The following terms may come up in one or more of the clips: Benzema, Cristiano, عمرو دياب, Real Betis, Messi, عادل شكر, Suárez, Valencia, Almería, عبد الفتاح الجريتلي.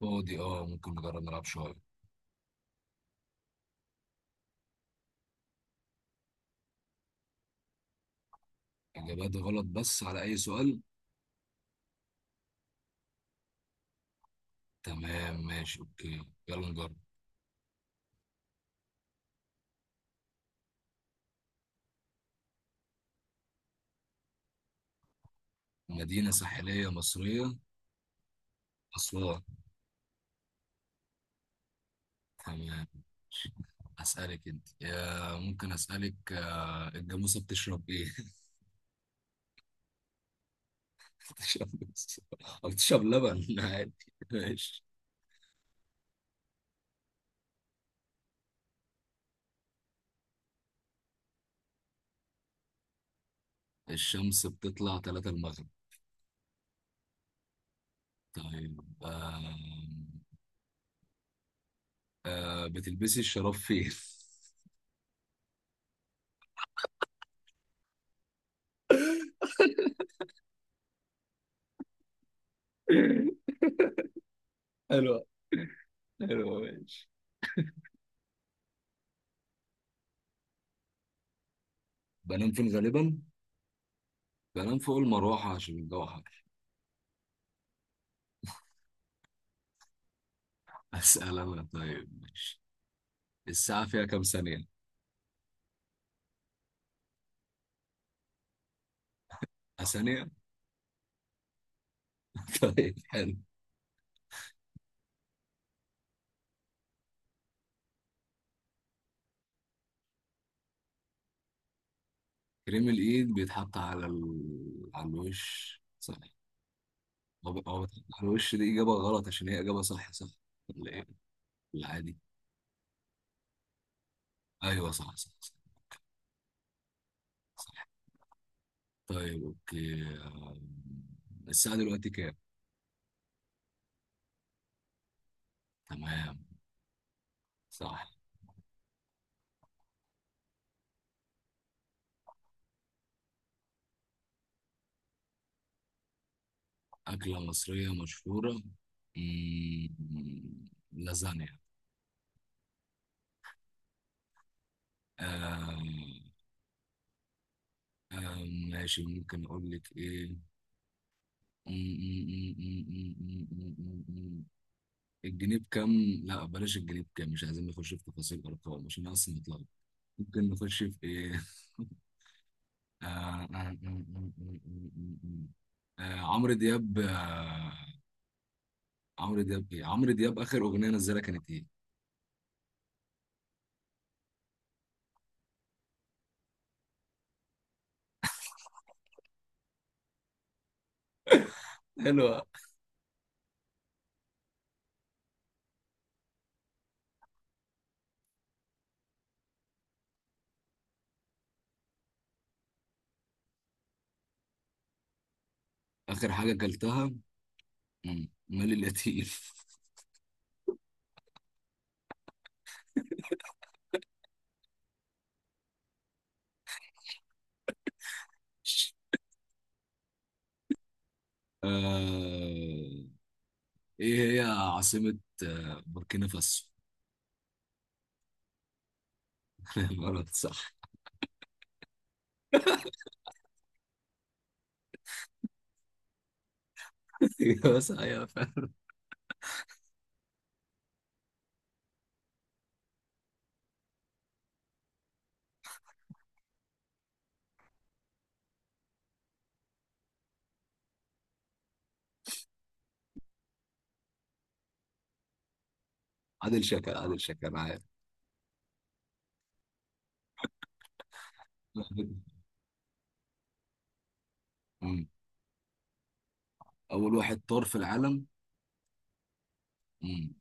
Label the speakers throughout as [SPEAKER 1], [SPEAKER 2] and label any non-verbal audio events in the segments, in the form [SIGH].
[SPEAKER 1] فاضي، ممكن نجرب نلعب شوية. إجابات غلط بس على أي سؤال؟ تمام، ماشي، أوكي، يلا نجرب. مدينة ساحلية مصرية. أسوان. تمام، ماشي. أسألك أنت، يا ممكن أسألك. آه، الجاموسة بتشرب إيه؟ [LAUGHS] بتشرب بس- أو بتشرب لبن [LAUGHS] عادي. ماشي. الشمس بتطلع تلاتة المغرب. طيب، بتلبسي الشراب فين؟ [LAUGHS] حلو، حلو، ماشي. بنام فين غالبا؟ بنام فوق المروحة عشان الجو حر. أسأل أنا، طيب، ماشي. الساعة فيها كام ثانية؟ آه، ثانية؟ [LAUGHS] طيب، حلو. كريم الإيد بيتحط على على الوش، صحيح. هو بيتحط على الوش، دي إجابة غلط عشان هي إجابة صح صح. ولا إيه؟ العادي. أيوه، صح صح صح، صح. طيب، أوكي، الساعة دلوقتي كام؟ تمام، صح. أكلة مصرية مشهورة. لازانيا. آه آه ماشي، ممكن اقول لك ايه م- م- م- م- م- م- م- م- م. الجنيه بكام؟ لا، بلاش الجنيه بكام، مش عايزين نخش في تفاصيل ارقام عشان أنا اصلا متلخبط. ممكن نخش في ايه؟ [LAUGHS] آه آه آه آه آه آه آه، عمرو دياب اخر اغنيه نزلها كانت ايه؟ حلوة. اخر حاجه اكلتها. مالي القتيف. [LAUGHS] آه... ايه هي عاصمة بوركينا فاسو؟ [LAUGHS] غلط صح. [LAUGHS] بس ايوه، فاهم. عادل شكر، عادل شكر عارف. مم. اول واحد طار في العالم. مم.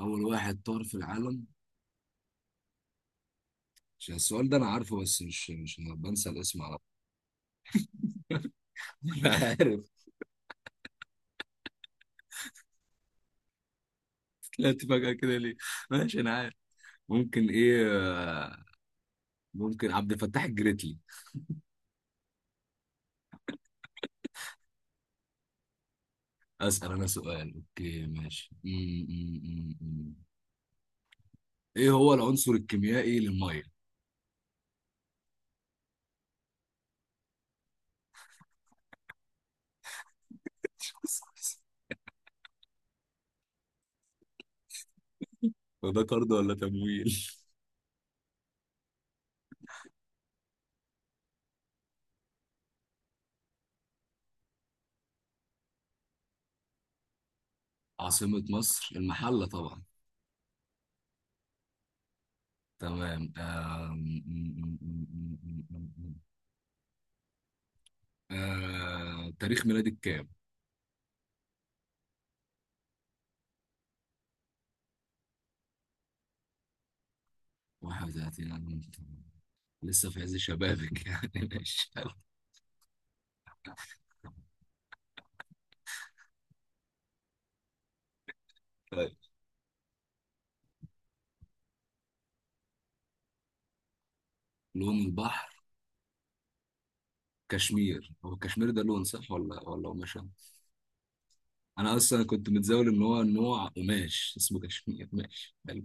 [SPEAKER 1] اول واحد طار في العالم، عشان السؤال ده انا عارفه بس مش بنسى الاسم على طول. [LAUGHS] انا عارف. طلعت فجأة كده ليه؟ ماشي، انا عارف. ممكن ايه، آه، ممكن عبد الفتاح الجريتلي. اسأل انا سؤال، اوكي، ماشي، ايه هو العنصر الكيميائي للميه؟ [LAUGHS] وده طرد ولا تمويل؟ [LAUGHS] عاصمة مصر المحلة طبعا. تمام، آم، م- م- م- م- م- م- م. آه، تاريخ ميلادك كام؟ 31 أنا؟ لسه في عز شبابك [LAUGHS] يعني، ماشي. طيب. لون البحر. كشمير، هو كشمير ده لون صح ولا قماشة؟ أنا أصلا كنت متزاول إن هو نوع قماش اسمه كشمير، ماشي، حلو.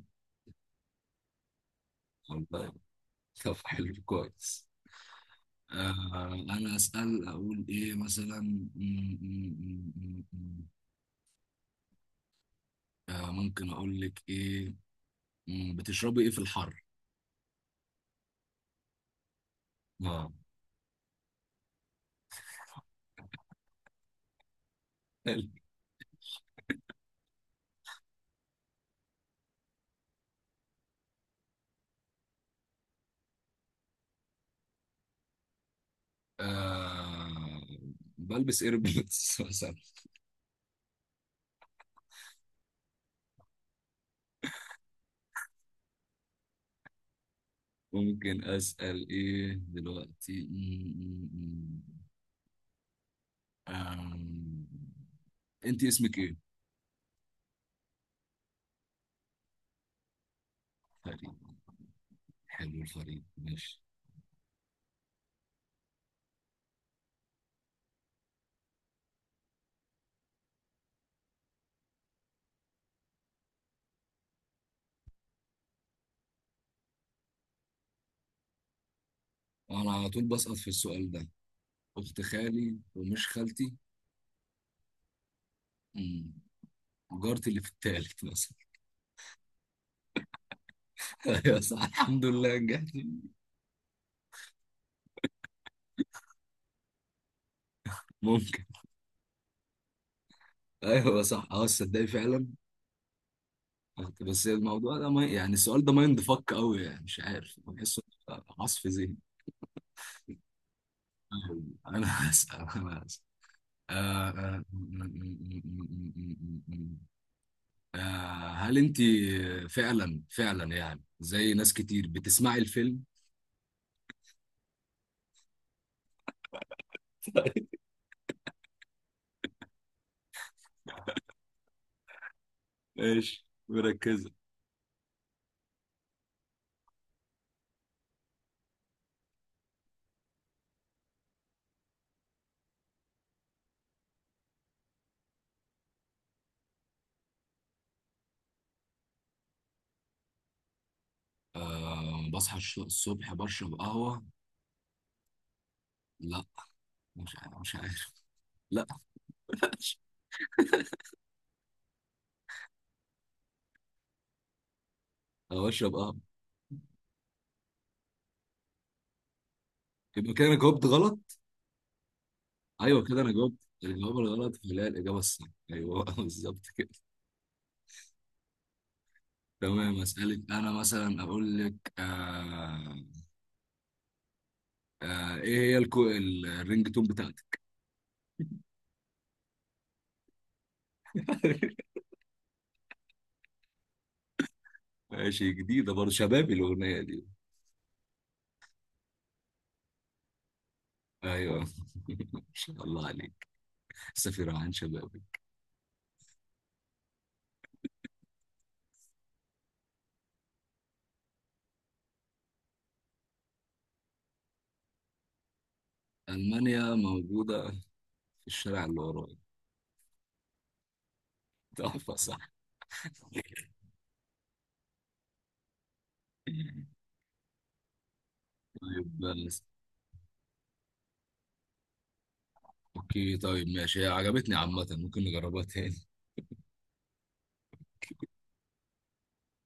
[SPEAKER 1] والله. طب، حلو، كويس. آه، أنا أسأل أقول إيه مثلا آه، ممكن أقول لك إيه. بتشربي ايه في الحر؟ اه. حلو. آه، بلبس ايربودز [LAUGHS] مثلا. ممكن اسال ايه دلوقتي م- م- م. آم، انت اسمك ايه؟ فريد. حلو، الفريد، ماشي. انا على طول بسقط في السؤال ده. اخت خالي ومش خالتي. مم. جارتي اللي في التالت مثلا. [LAUGHS] ايوه، صح، الحمد لله نجحت. ممكن. ايوه صح، تصدقي فعلا. بس الموضوع ده ما يعني، السؤال ده مايند فك قوي يعني، مش عارف بحسه. عصف ذهني. انا هسأل، انا هسأل، آه، آه، م- م- م- م- آه، هل انت فعلا فعلا يعني زي ناس كتير بتسمعي الفيلم. [LAUGHS] ايش مركزة. آه، بصحى الصبح بشرب قهوة. لا. مش عارف، مش عارف. لا. [LAUGHS] انا بشرب قهوة. يبقى كده انا جاوبت غلط. ايوه كده انا جاوبت الجواب الغلط، فلا الاجابه الصح. ايوه، [LAUGHS] بالظبط كده. تمام، اسالك انا مثلا اقول لك، ايه هي الرينج تون بتاعتك؟ [LAUGHS] ماشي، جديده برضه شبابي الاغنيه دي. ايوه. [LAUGHS] ما شاء الله عليك. سفير عن شبابي. المانيا موجوده في الشارع اللي ورايا. تحفه صح. [LAUGHS] طيب، بس. اوكي، طيب، ماشي، هي عجبتني عامه، ممكن نجربها تاني.